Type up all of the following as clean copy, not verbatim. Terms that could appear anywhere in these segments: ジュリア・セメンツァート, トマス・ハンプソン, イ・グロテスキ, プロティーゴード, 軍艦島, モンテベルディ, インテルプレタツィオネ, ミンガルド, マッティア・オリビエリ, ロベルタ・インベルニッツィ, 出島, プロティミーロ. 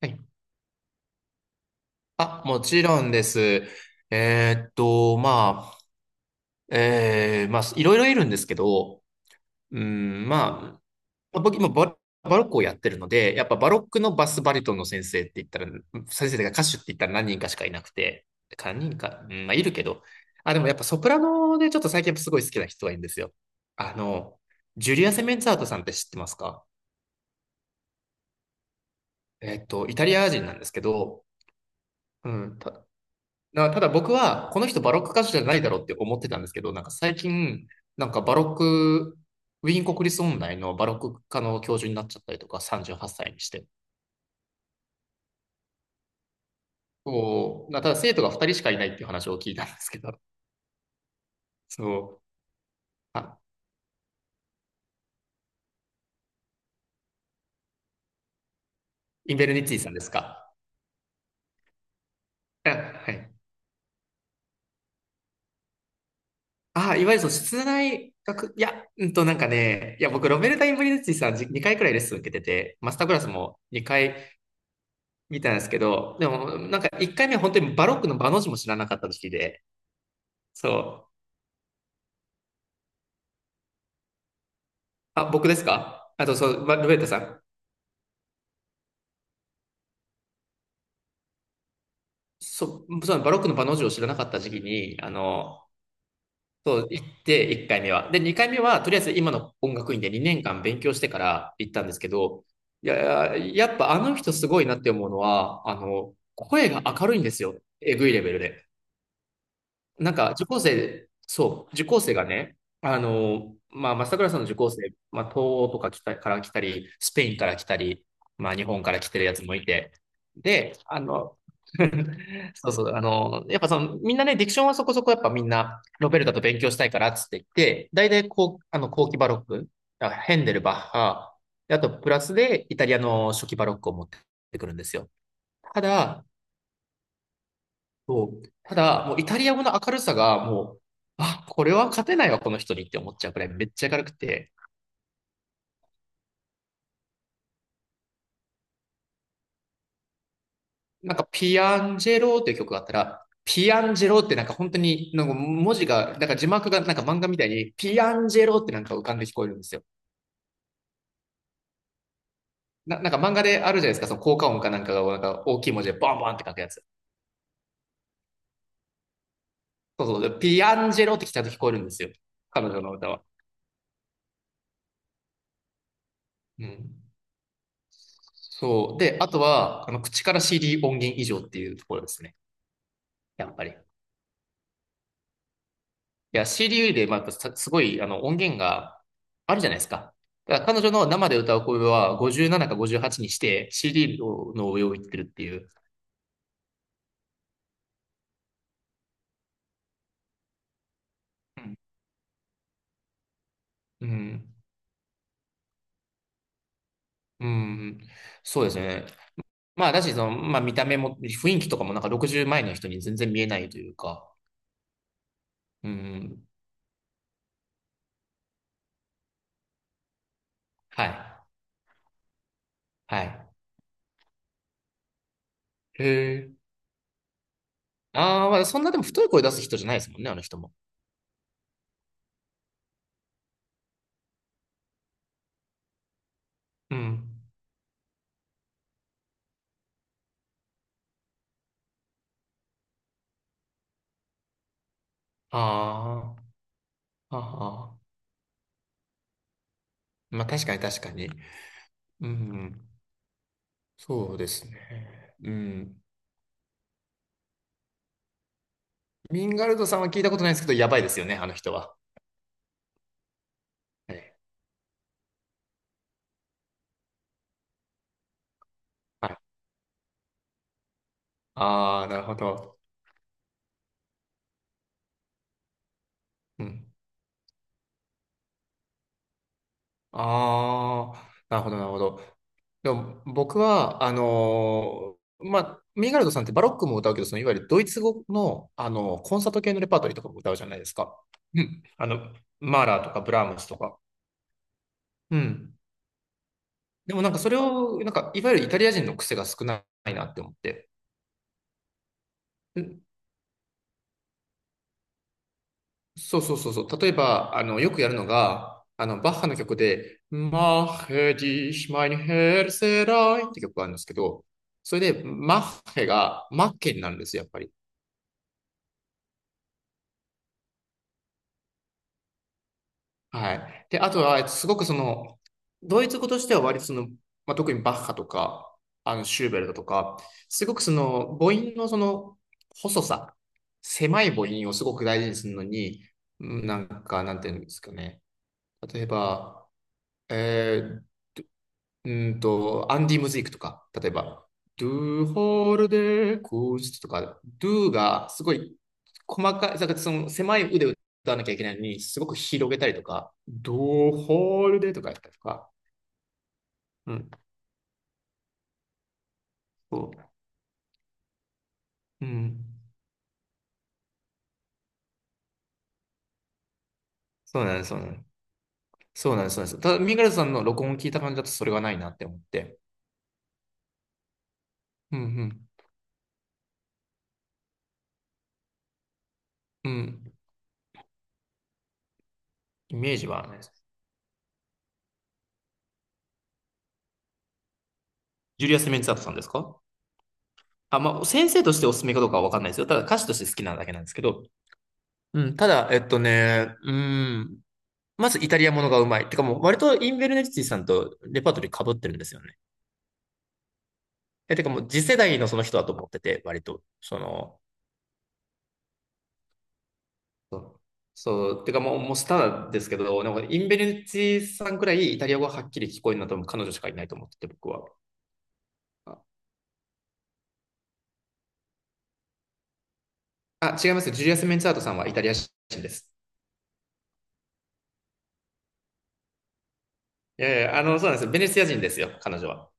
はい。あ、もちろんです。まあ、まあ、いろいろいるんですけど、うん、まあ、僕今バロックをやってるので、やっぱバロックのバスバリトンの先生って言ったら、先生が歌手って言ったら何人かしかいなくて、何人か、うん、まあ、いるけど、あ、でもやっぱソプラノでちょっと最近やっぱすごい好きな人がいるんですよ。あの、ジュリア・セメンツァートさんって知ってますか？イタリア人なんですけど、うん、ただ僕は、この人バロック歌手じゃないだろうって思ってたんですけど、なんか最近、なんかバロック、ウィーン国立音大のバロック科の教授になっちゃったりとか、38歳にして。そう、ただ生徒が2人しかいないっていう話を聞いたんですけど、そう、あ、インベルニッツィさんですか？あ、はい。あ、いわゆるその室内学、いや、うんとなんかね、いや、僕、ロベルタ・インベルニッツィさんじ2回くらいレッスン受けてて、マスタークラスも2回見たんですけど、でも、なんか1回目は本当にバロックの場の字も知らなかった時期で、そう。あ、僕ですか？あと、そう、まルベルタさん。そう、そう、バロックのバの字を知らなかった時期に、あの、そう、行って1回目は。で、2回目は、とりあえず今の音楽院で2年間勉強してから行ったんですけど、いや、やっぱあの人すごいなって思うのは、あの、声が明るいんですよ。えぐいレベルで。なんか受講生、そう、受講生がね、あの、まあ、正倉さんの受講生、まあ、東欧とか来たから来たり、スペインから来たり、まあ、日本から来てるやつもいて、で、あの、そうそう、あの、やっぱその、みんなね、ディクションはそこそこやっぱみんな、ロベルタと勉強したいからっつって言って、大体こう、あの、後期バロック、あヘンデル、バッハ、であとプラスでイタリアの初期バロックを持ってくるんですよ。ただ、そう。ただ、もうイタリア語の明るさがもう、あ、これは勝てないわ、この人にって思っちゃうくらいめっちゃ明るくて、なんかピアンジェローっていう曲があったら、ピアンジェローってなんか本当に、なんか文字が、なんか字幕がなんか漫画みたいに、ピアンジェローってなんか浮かんで聞こえるんですよ。なんか漫画であるじゃないですか、その効果音かなんかがなんか大きい文字でバンバンって書くやつ。そうそう、ピアンジェローってちゃんと聞こえるんですよ。彼女の歌は。うん。そう。で、あとは、あの、口から CD 音源以上っていうところですね。やっぱり。いや、CDU で、まあ、さすごい、あの、音源があるじゃないですか。だから彼女の生で歌う声は57か58にして CD の上をいってるっていう。うんうん。うん。そうですね。まあ、だし、その、まあ、見た目も、雰囲気とかもなんか60前の人に全然見えないというか。うん。はい。はい。へえ。ああ、まあ、そんなでも太い声出す人じゃないですもんね、あの人も。うん。ああ。ああ。まあ、確かに確かに。うん。そうですね。うん。ミンガルドさんは聞いたことないですけど、やばいですよね、あの人は。はい。はい。ああ、なるほど。うん。ああ、なるほど、なるほど。でも、僕は、まあ、ミンガルドさんってバロックも歌うけど、そのいわゆるドイツ語の、あのコンサート系のレパートリーとかも歌うじゃないですか。うん。あの、マーラーとかブラームスとか。うん。でもなんかそれを、なんか、いわゆるイタリア人の癖が少ないなって思って。そうそうそうそう。例えば、あの、よくやるのが、あの、バッハの曲で、マッヘディシマインヘルセライって曲があるんですけど、それで、マッヘがマッケになるんですよ、やっぱり。はい。で、あとは、すごくその、ドイツ語としては割とその、まあ、特にバッハとか、あの、シューベルトとか、すごくその、母音のその、細さ、狭い母音をすごく大事にするのに、うんなんか、なんていうんですかね。例えば、えうんと、アンディ・ムズイクとか、例えば、ドゥホールデーコースとか、ド o がすごい細かい、だからその狭い腕を歌わなきゃいけないのに、すごく広げたりとか、ド o ホール a y とかやったりとか、うん、そう、うん、そうなんです、そうなんです。そうなんです、そうなんです。ただ、ミガルさんの録音を聞いた感じだとそれがないなって思って、うん、うん、うん、イメージはないです。ジュリアス・メンツァートさんですか？あ、まあ、先生としておすすめかどうかはわかんないですよ。ただ歌手として好きなだけなんですけど、うん、ただ、うん、まずイタリアものがうまい。てかもう割とインベルネッティさんとレパートリー被ってるんですよね。え、てかもう次世代のその人だと思ってて、割と。その、そう、てかもう、もうスターですけど、なんかインベルネッティさんくらいイタリア語がはっきり聞こえるのは多分彼女しかいないと思ってて、僕は。あ、あ違います。ジュリアス・メンツァートさんはイタリア人です。いやいや、あの、そうなんですよ。ベネツィア人ですよ、彼女は。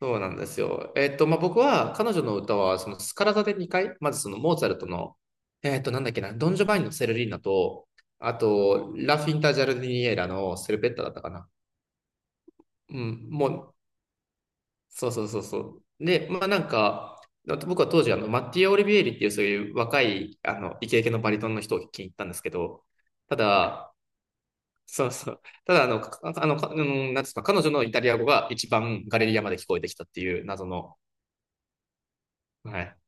そうなんですよ。まあ、僕は彼女の歌は、そのスカラ座で2回、まずそのモーツァルトの、なんだっけな、ドン・ジョバンニのセルリーナと、あと、ラ・フィンタ・ジャルディニエラのセルペッタだったかな。うん、もう、そうそうそうそう。で、まあなんか、僕は当時、あの、マッティア・オリビエリっていうそういう若い、あの、イケイケのバリトンの人を聞きに行ったんですけど、ただ、そうそう。ただ、あの、かあの、かうんなんですか、彼女のイタリア語が一番ガレリアまで聞こえてきたっていう謎の、はい。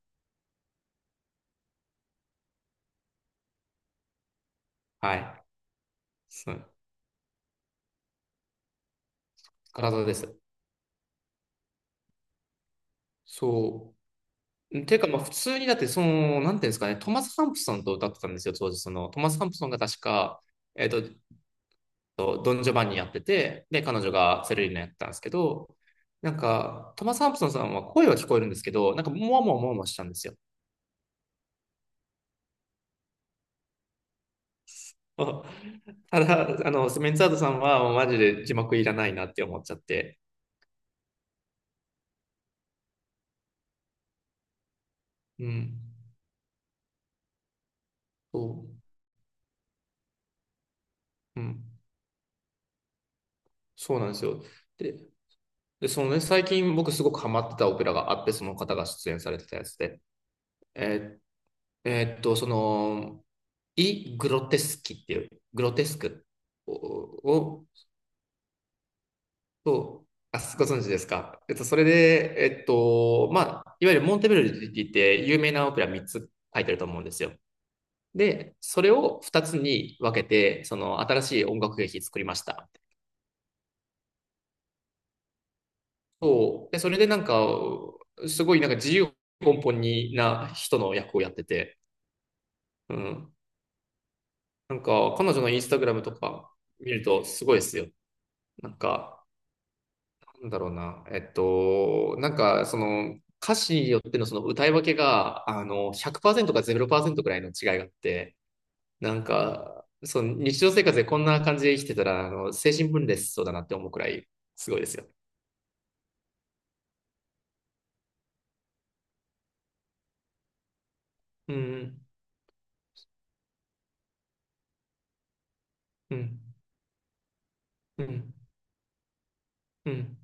はい。そう、体です。そう。てか、まあ、普通にだって、その、なんていうんですかね、トマス・ハンプソンと歌ってたんですよ、当時。その、トマス・ハンプソンが確か、えっと、とドン・ジョバンニやってて、で、彼女がセレリーナやってたんですけど、なんか、トマス・ハンプソンさんは声は聞こえるんですけど、なんか、もわもわもわもわしたんですよ。ただ、あの、メンツアートさんは、もうマジで字幕いらないなって思っちゃって。うん。そう。うん。そうなんですよ。でで、そのね、最近僕すごくハマってたオペラがあって、その方が出演されてたやつで、えその、イ・グロテスキっていう、グロテスクを、をあ、ご存知ですか？それで、まあ、いわゆるモンテベルディって有名なオペラ3つ書いてると思うんですよ。で、それを2つに分けて、その新しい音楽劇作りました。そう。で、それでなんか、すごいなんか自由奔放な人の役をやってて、うん。なんか、彼女のインスタグラムとか見るとすごいですよ。なんか、なんだろうな。なんか、その、歌詞によってのその歌い分けが、あの、100%か0%くらいの違いがあって、なんか、その日常生活でこんな感じで生きてたら、あの、精神分裂しそうだなって思うくらい、すごいですよ。うん、うん、うん、うん、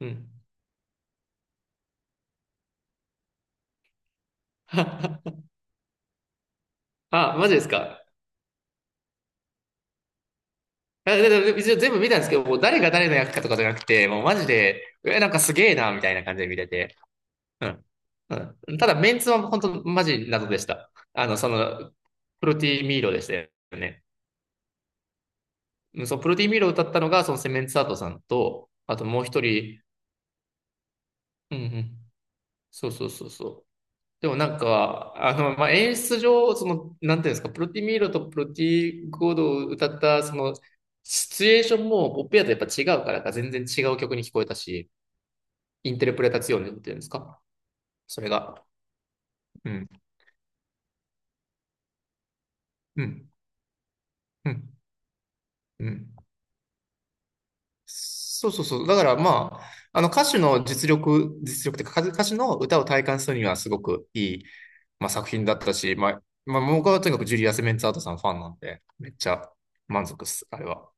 うん。あ、マジですか？やで、一応全部見たんですけど、もう誰が誰の役かとかじゃなくて、もうマジで、え、なんかすげえな、みたいな感じで見れて。うん。うん。ただ、メンツは本当マジ謎でした。あの、その、プロティミーロでしたよね。うんそう、プロティミーロを歌ったのが、そのセメンツアートさんと、あともう一人、うんうん。そうそうそうそう。でもなんか、あの、まあ、演出上、その、なんていうんですか、プロティミーロとプロティーゴードを歌った、その、シチュエーションも、ポップやとやっぱ違うからか、全然違う曲に聞こえたし、インテルプレタツィオネっていうんですかそれが。うん。うん。うん。うん。そうそうそう。だからまあ、あの歌手の実力、実力っていうか歌手の歌を体感するにはすごくいい、まあ、作品だったし、まあ、まあ、僕はとにかくジュリアス・メンツアートさんファンなんで、めっちゃ満足っす、あれは。